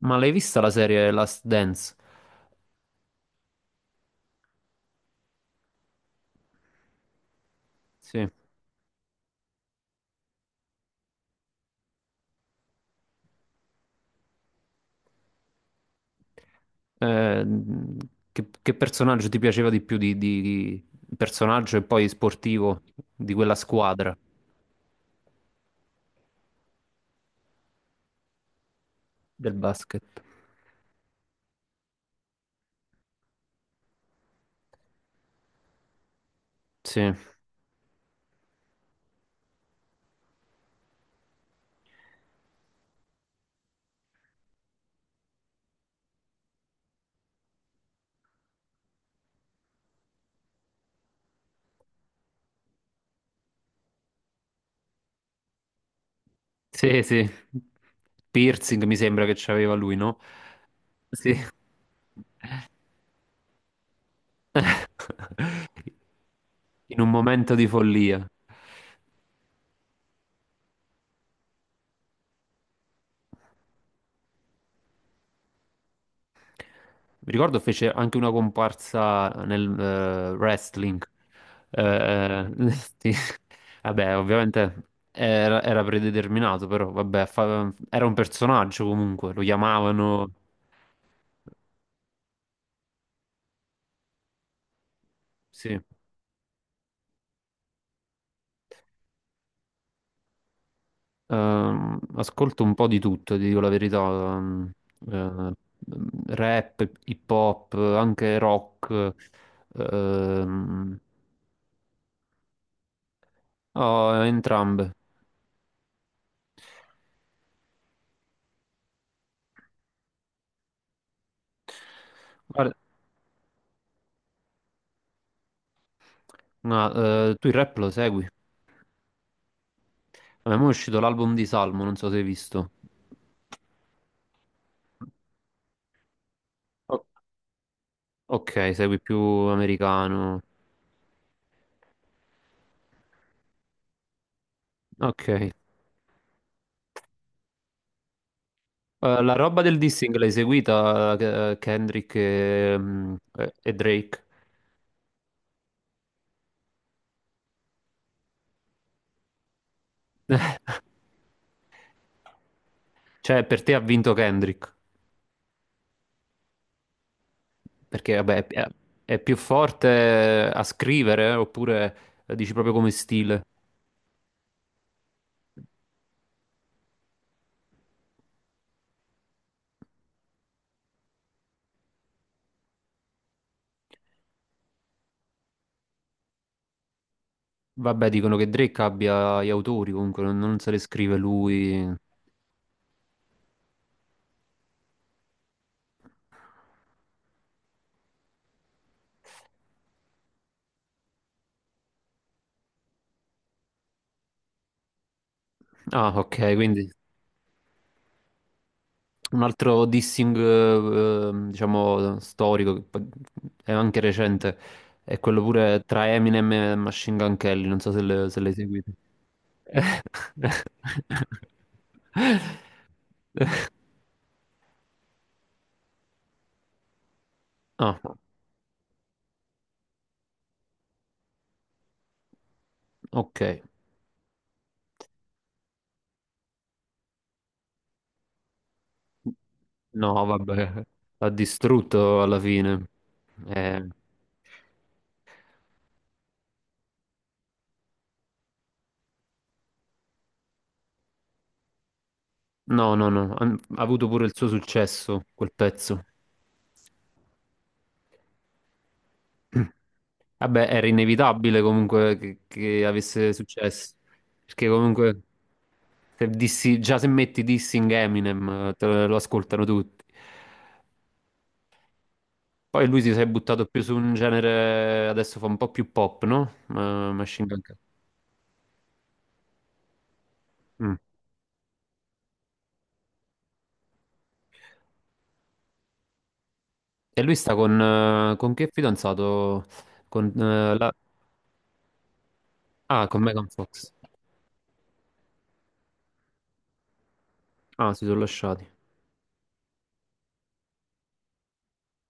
Ma l'hai vista la serie Last Dance? Sì. Eh, che personaggio ti piaceva di più di personaggio e poi sportivo di quella squadra del basket? Sì, sì, sì. Piercing mi sembra che c'aveva lui, no? Sì. In un momento di follia. Mi ricordo fece anche una comparsa nel wrestling. Eh, sì. Vabbè, ovviamente era predeterminato, però vabbè, era un personaggio comunque, lo chiamavano, sì. Ascolto un po' di tutto, ti dico la verità, eh, rap, hip hop, anche rock, ehm, oh, entrambe. Guarda, ma, tu il rap lo segui? A me mo è uscito l'album di Salmo, non so se hai visto. O- ok, segui più americano. Ok. La roba del dissing l'hai seguita, Kendrick e Drake? Cioè, per te ha vinto Kendrick? Perché, è più forte a scrivere, oppure dici proprio come stile? Vabbè, dicono che Drake abbia gli autori, comunque non se le scrive lui. Ah, ok, quindi... Un altro dissing, diciamo, storico, che poi è anche recente, è quello pure tra Eminem e Machine Gun Kelly, non so se l'hai seguito. Ah, ok. No, vabbè, l'ha distrutto alla fine. Eh, no, no, no, ha avuto pure il suo successo, quel pezzo. Vabbè, era inevitabile comunque che avesse successo. Perché comunque se già se metti Dissing Eminem te lo ascoltano tutti. Poi lui si è buttato più su un genere, adesso fa un po' più pop, no? Ma Machine Gun Kelly. Mm. E lui sta con che fidanzato? Con, la... Ah, con Megan Fox. Ah, si sono lasciati.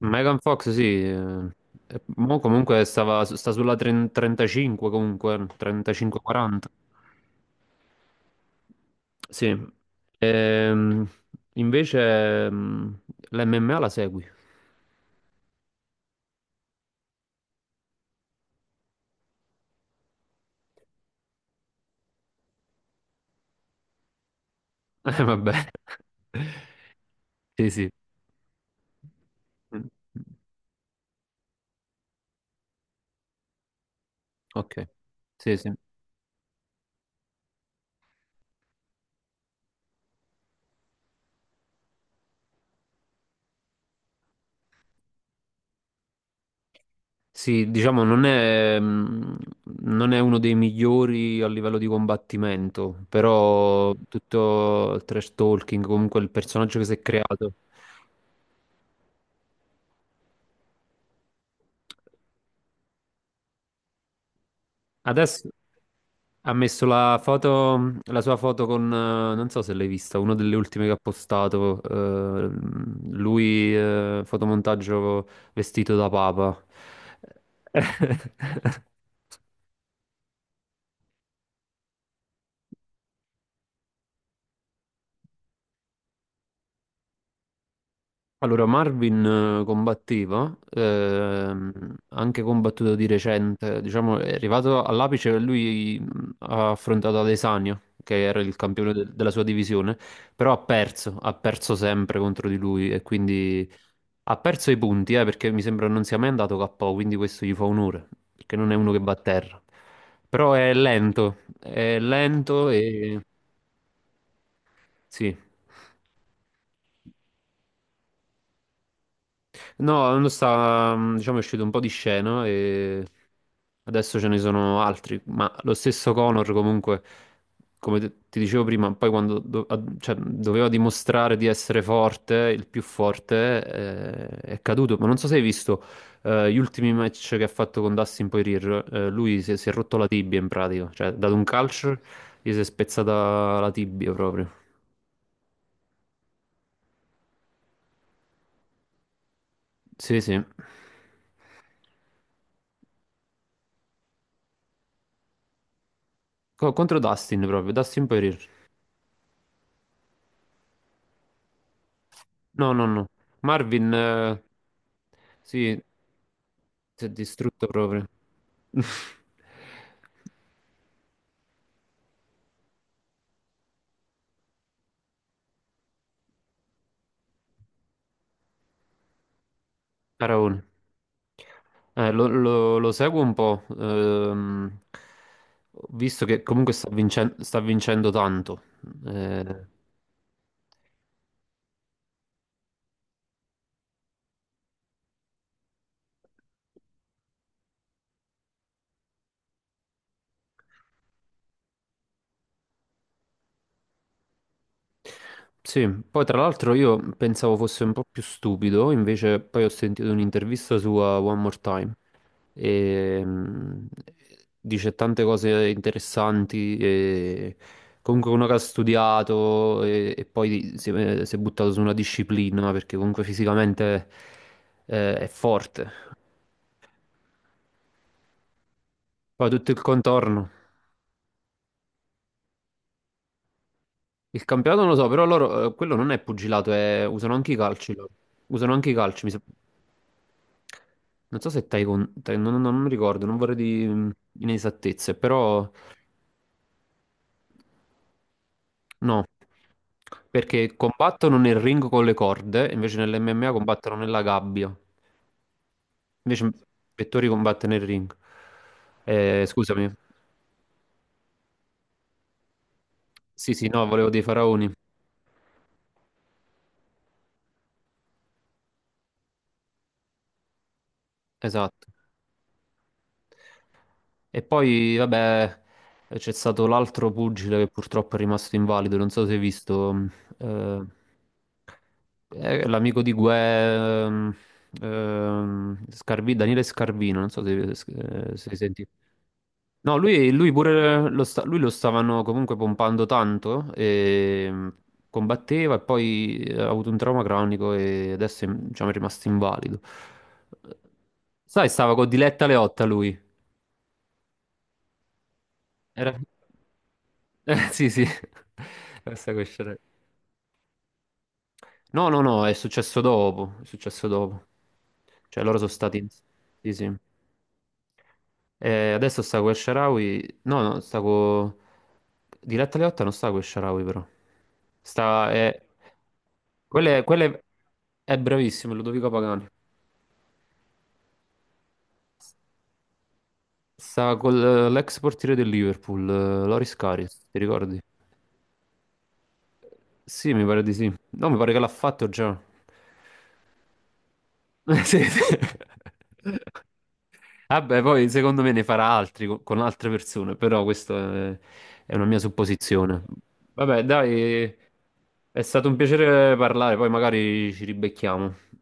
Megan Fox, sì. E mo comunque sta sulla 30 35, comunque, 35-40. Sì. Ehm, invece l'MMA la segui. Vabbè. Sì, sì. Ok. Sì, sì. Sì, diciamo, non è uno dei migliori a livello di combattimento, però tutto il trash talking, comunque il personaggio che si è creato. Adesso ha messo la sua foto con, non so se l'hai vista, una delle ultime che ha postato, lui, fotomontaggio vestito da papa. Allora, Marvin combatteva, anche combattuto di recente, diciamo, è arrivato all'apice, lui ha affrontato Adesanya, che era il campione della sua divisione, però ha perso sempre contro di lui e quindi ha perso i punti, perché mi sembra non sia mai andato KO, quindi questo gli fa onore, perché non è uno che va a terra. Però è lento e... Sì, no, l'anno diciamo, è uscito un po' di scena e adesso ce ne sono altri, ma lo stesso Connor comunque, come ti dicevo prima, poi quando cioè, doveva dimostrare di essere forte, il più forte, è caduto. Ma non so se hai visto gli ultimi match che ha fatto con Dustin Poirier, lui si è rotto la tibia in pratica, cioè ha dato un calcio, gli si è spezzata la tibia proprio. Sì, sì. Contro Dustin proprio, Dustin Poirier. No, no, no. Marvin, sì, si è distrutto proprio. Faraone. Lo seguo un po', visto che comunque sta vincendo tanto. Eh, Sì, poi tra l'altro io pensavo fosse un po' più stupido, invece poi ho sentito un'intervista sua One More Time e dice tante cose interessanti e comunque uno che ha studiato e poi si è buttato su una disciplina perché comunque fisicamente è forte. Poi tutto il contorno. Il campionato non lo so, però loro quello non è pugilato, usano anche i calci loro. Usano anche i calci, mi sa. Non so se Taekwondo, non ricordo, non vorrei di inesattezze, però no, perché combattono nel ring con le corde, invece nell'MMA combattono nella gabbia, invece Vettori combatte nel ring. Scusami, sì sì, no, volevo dei faraoni, esatto. E poi, vabbè, c'è stato l'altro pugile che purtroppo è rimasto invalido, non so se hai visto, eh, l'amico di Gue, Daniele Scarvino, non so se senti. No, lui pure lui lo stavano comunque pompando tanto, e combatteva e poi ha avuto un trauma cronico e adesso è, diciamo, è rimasto invalido. Sai, stava con Diletta Leotta lui. Era... sì, sì. Questa questione. No, no, no, è successo dopo, è successo dopo. Cioè loro sono stati... Sì, sì. E adesso sta con Sharawi. No, no, sta con. Diletta Leotta non sta con Sharawi, però. Sta. È... Quella è, quella è- è bravissimo, Ludovico Pagani. Sta con l'ex portiere del Liverpool, Loris Karius, ti ricordi? Sì, mi pare di sì. No, mi pare che l'ha fatto già. Sì, sì. Vabbè, poi secondo me ne farà altri con altre persone, però questa è è una mia supposizione. Vabbè, dai, è stato un piacere parlare, poi magari ci ribecchiamo.